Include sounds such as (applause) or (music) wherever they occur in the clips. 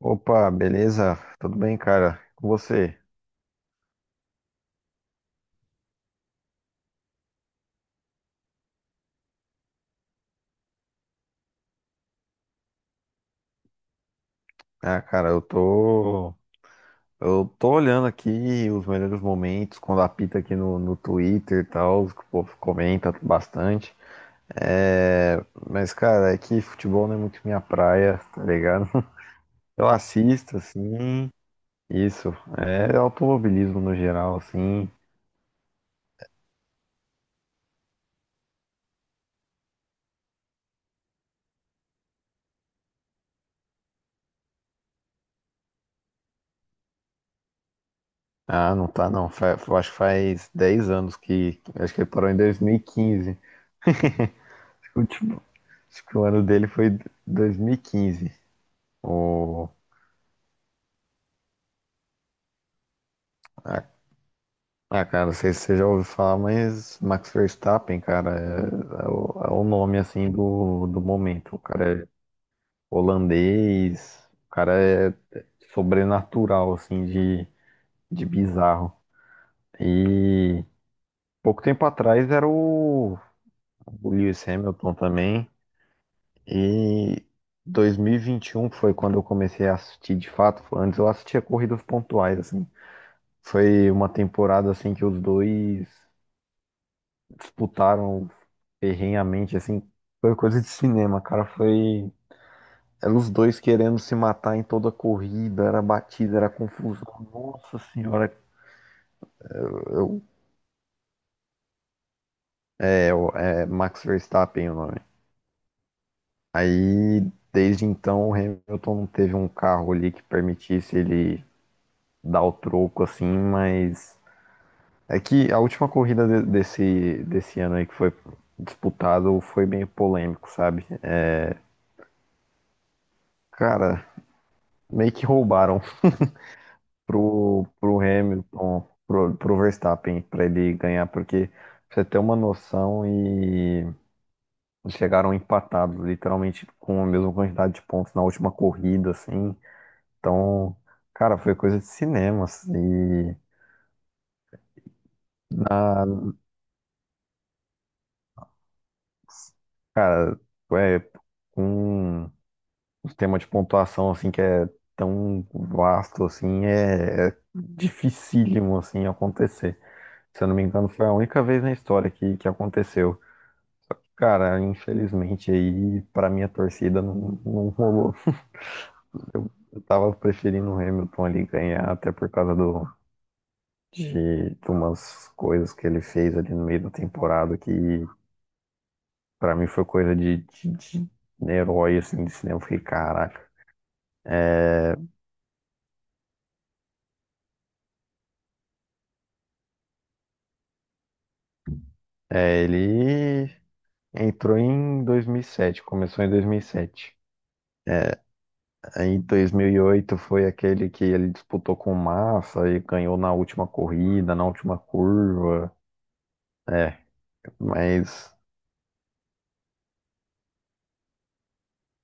Opa, beleza? Tudo bem, cara? Com você? Ah, cara, eu tô. Eu tô olhando aqui os melhores momentos, quando apita aqui no Twitter e tal, os que o povo comenta bastante. É, mas, cara, é que futebol não é muito minha praia, tá ligado? (laughs) Eu assisto, assim, isso. É automobilismo no geral, assim. Ah, não tá, não. Eu acho que faz 10 anos que. Acho que ele parou em 2015. Que o último- Acho que o ano dele foi 2015. O... Ah, ah, cara, não sei se você já ouviu falar, mas Max Verstappen, cara, é o nome, assim, do momento. O cara é holandês, o cara é sobrenatural, assim, de bizarro. E pouco tempo atrás era o Lewis Hamilton também. E 2021 foi quando eu comecei a assistir de fato. Antes eu assistia corridas pontuais, assim. Foi uma temporada, assim, que os dois disputaram ferrenhamente, assim, foi coisa de cinema, cara. Foi. Eram os dois querendo se matar em toda a corrida, era batida, era confusão. Nossa senhora, eu- é Max Verstappen o nome. Aí, desde então, o Hamilton não teve um carro ali que permitisse ele dar o troco, assim, mas. É que a última corrida desse ano aí que foi disputado foi meio polêmico, sabe? Cara, meio que roubaram. Pro Verstappen, para ele ganhar, porque pra você ter uma noção e chegaram empatados, literalmente com a mesma quantidade de pontos na última corrida, assim. Então, cara, foi coisa de cinema, assim. E na, cara, é com um sistema de pontuação assim que é tão vasto assim, é dificílimo assim acontecer. Se eu não me engano, foi a única vez na história que aconteceu. Cara, infelizmente aí, pra minha torcida, não, não rolou. Eu tava preferindo o Hamilton ali ganhar, até por causa de umas coisas que ele fez ali no meio da temporada, que pra mim foi coisa de herói, assim, de cinema. Eu fiquei, caraca. É, Ele entrou em 2007, começou em 2007. É, em 2008 foi aquele que ele disputou com o Massa e ganhou na última corrida, na última curva. É, mas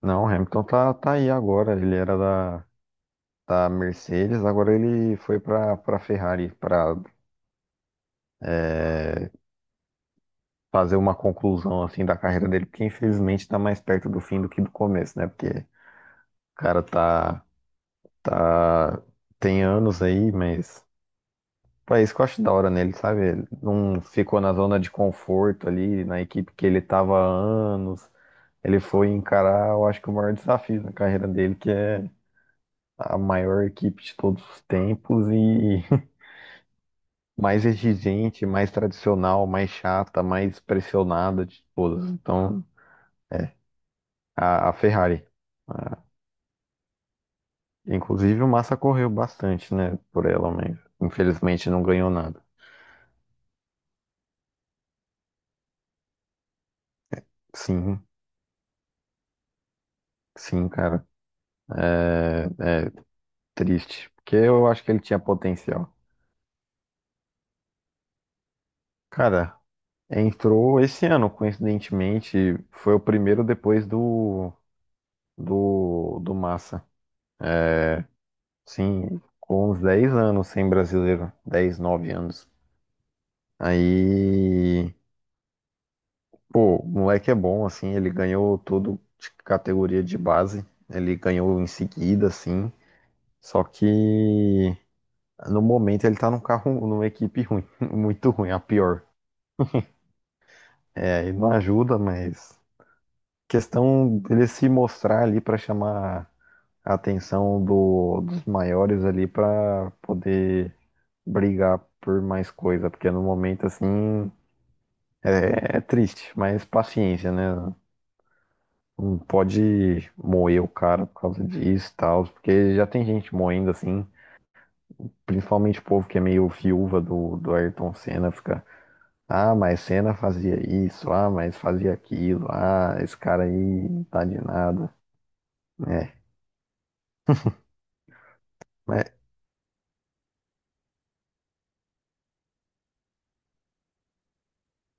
não, o Hamilton tá aí agora. Ele era da Mercedes, agora ele foi para Ferrari para fazer uma conclusão assim da carreira dele, porque infelizmente tá mais perto do fim do que do começo, né? Porque o cara tá tem anos aí, mas pô, é isso que eu acho da hora nele, sabe? Ele não ficou na zona de conforto ali, na equipe que ele tava há anos. Ele foi encarar, eu acho que o maior desafio na carreira dele, que é a maior equipe de todos os tempos e (laughs) mais exigente, mais tradicional, mais chata, mais pressionada de todas. Então, a Ferrari. Ah, inclusive, o Massa correu bastante, né, por ela, mas infelizmente não ganhou nada. Sim, sim, cara, triste. Porque eu acho que ele tinha potencial. Cara, entrou esse ano, coincidentemente, foi o primeiro depois do Massa. Sim, com uns 10 anos sem brasileiro, 9 anos. Aí, pô, o moleque é bom, assim, ele ganhou tudo de categoria de base, ele ganhou em seguida, assim, só que no momento ele tá num carro, numa equipe ruim, (laughs) muito ruim, a pior. É, ele não ajuda, mas questão dele se mostrar ali pra chamar a atenção dos maiores ali pra poder brigar por mais coisa, porque no momento assim é é triste, mas paciência, né? Não pode moer o cara por causa disso e tal, porque já tem gente moendo assim, principalmente o povo que é meio viúva do Ayrton Senna, fica, ah, mas Senna fazia isso, ah, mas fazia aquilo, ah, esse cara aí não tá de nada. É, mas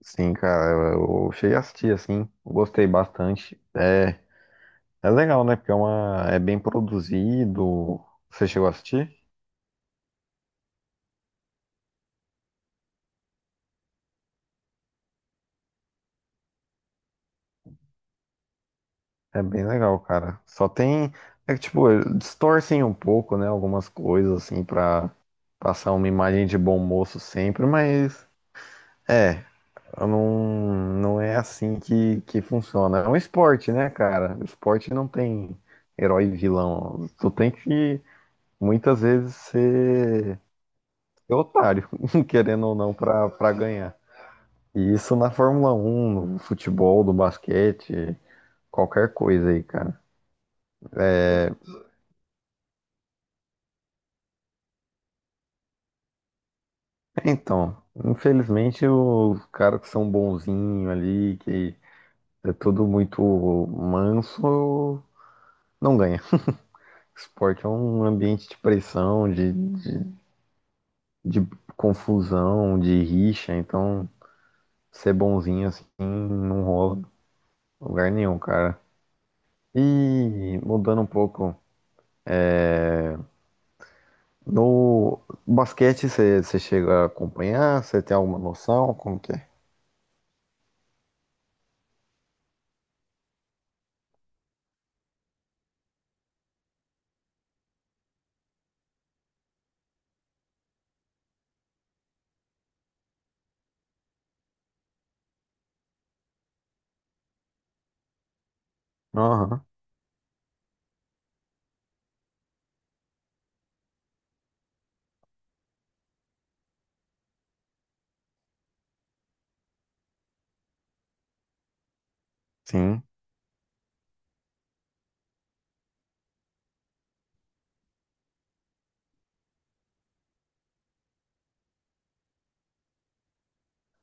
sim, cara, eu cheguei a assistir assim, gostei bastante. É, é legal, né? Porque é bem produzido. Você chegou a assistir? É bem legal, cara. Só tem. É que, tipo, distorcem um pouco, né? Algumas coisas, assim, pra passar uma imagem de bom moço sempre, mas. É, eu não, não é assim que funciona. É um esporte, né, cara? O esporte não tem herói e vilão. Tu tem que, muitas vezes, ser otário, (laughs) querendo ou não, pra ganhar. E isso na Fórmula Um, no futebol, no basquete, qualquer coisa aí, cara. É, então, infelizmente, os caras que são bonzinhos ali, que é tudo muito manso, não ganha. Esporte é um ambiente de pressão, de confusão, de rixa, então ser bonzinho assim não rola em lugar nenhum, cara. E mudando um pouco, no basquete você chega a acompanhar? Você tem alguma noção? Como que é? Aham, sim.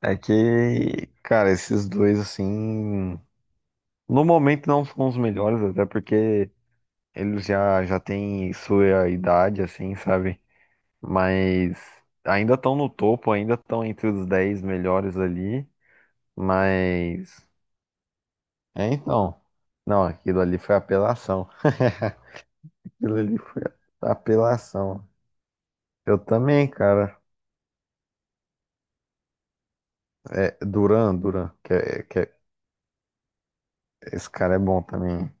É que, cara, esses dois assim no momento não são os melhores, até porque já têm sua idade, assim, sabe? Mas ainda estão no topo, ainda estão entre os 10 melhores ali. Mas. É então. Não, aquilo ali foi apelação. (laughs) Aquilo ali foi apelação. Eu também, cara. É, Duran, que é esse cara é bom também.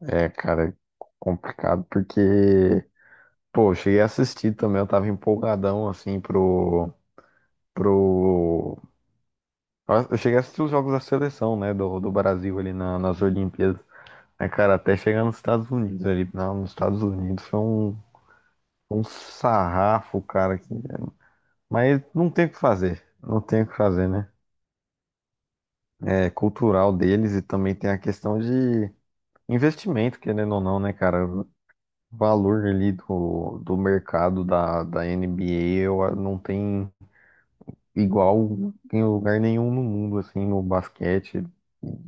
É, cara, é complicado porque, pô, eu cheguei a assistir também, eu tava empolgadão assim pro. Pro. Eu cheguei a assistir os jogos da seleção, né? Do Brasil ali nas Olimpíadas. Aí, cara, até chegar nos Estados Unidos ali. Nos Estados Unidos foi um, um sarrafo, cara. Que... Mas não tem o que fazer. Não tem o que fazer, né? É cultural deles e também tem a questão de investimento, querendo ou não, né, cara? O valor ali do mercado da NBA eu, ah, não tem igual em lugar nenhum no mundo, assim, no basquete.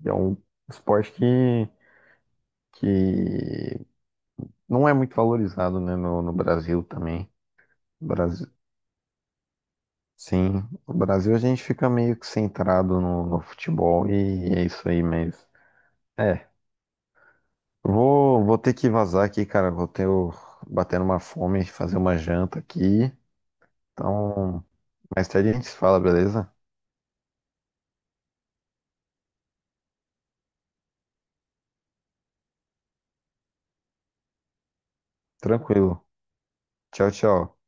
É um esporte que não é muito valorizado, né, no Brasil também. Brasil, sim, no Brasil a gente fica meio que centrado no futebol e é isso aí mesmo. É, vou ter que vazar aqui, cara. Batendo uma fome, fazer uma janta aqui. Então, mais tarde a gente se fala, beleza? Tranquilo. Tchau, tchau.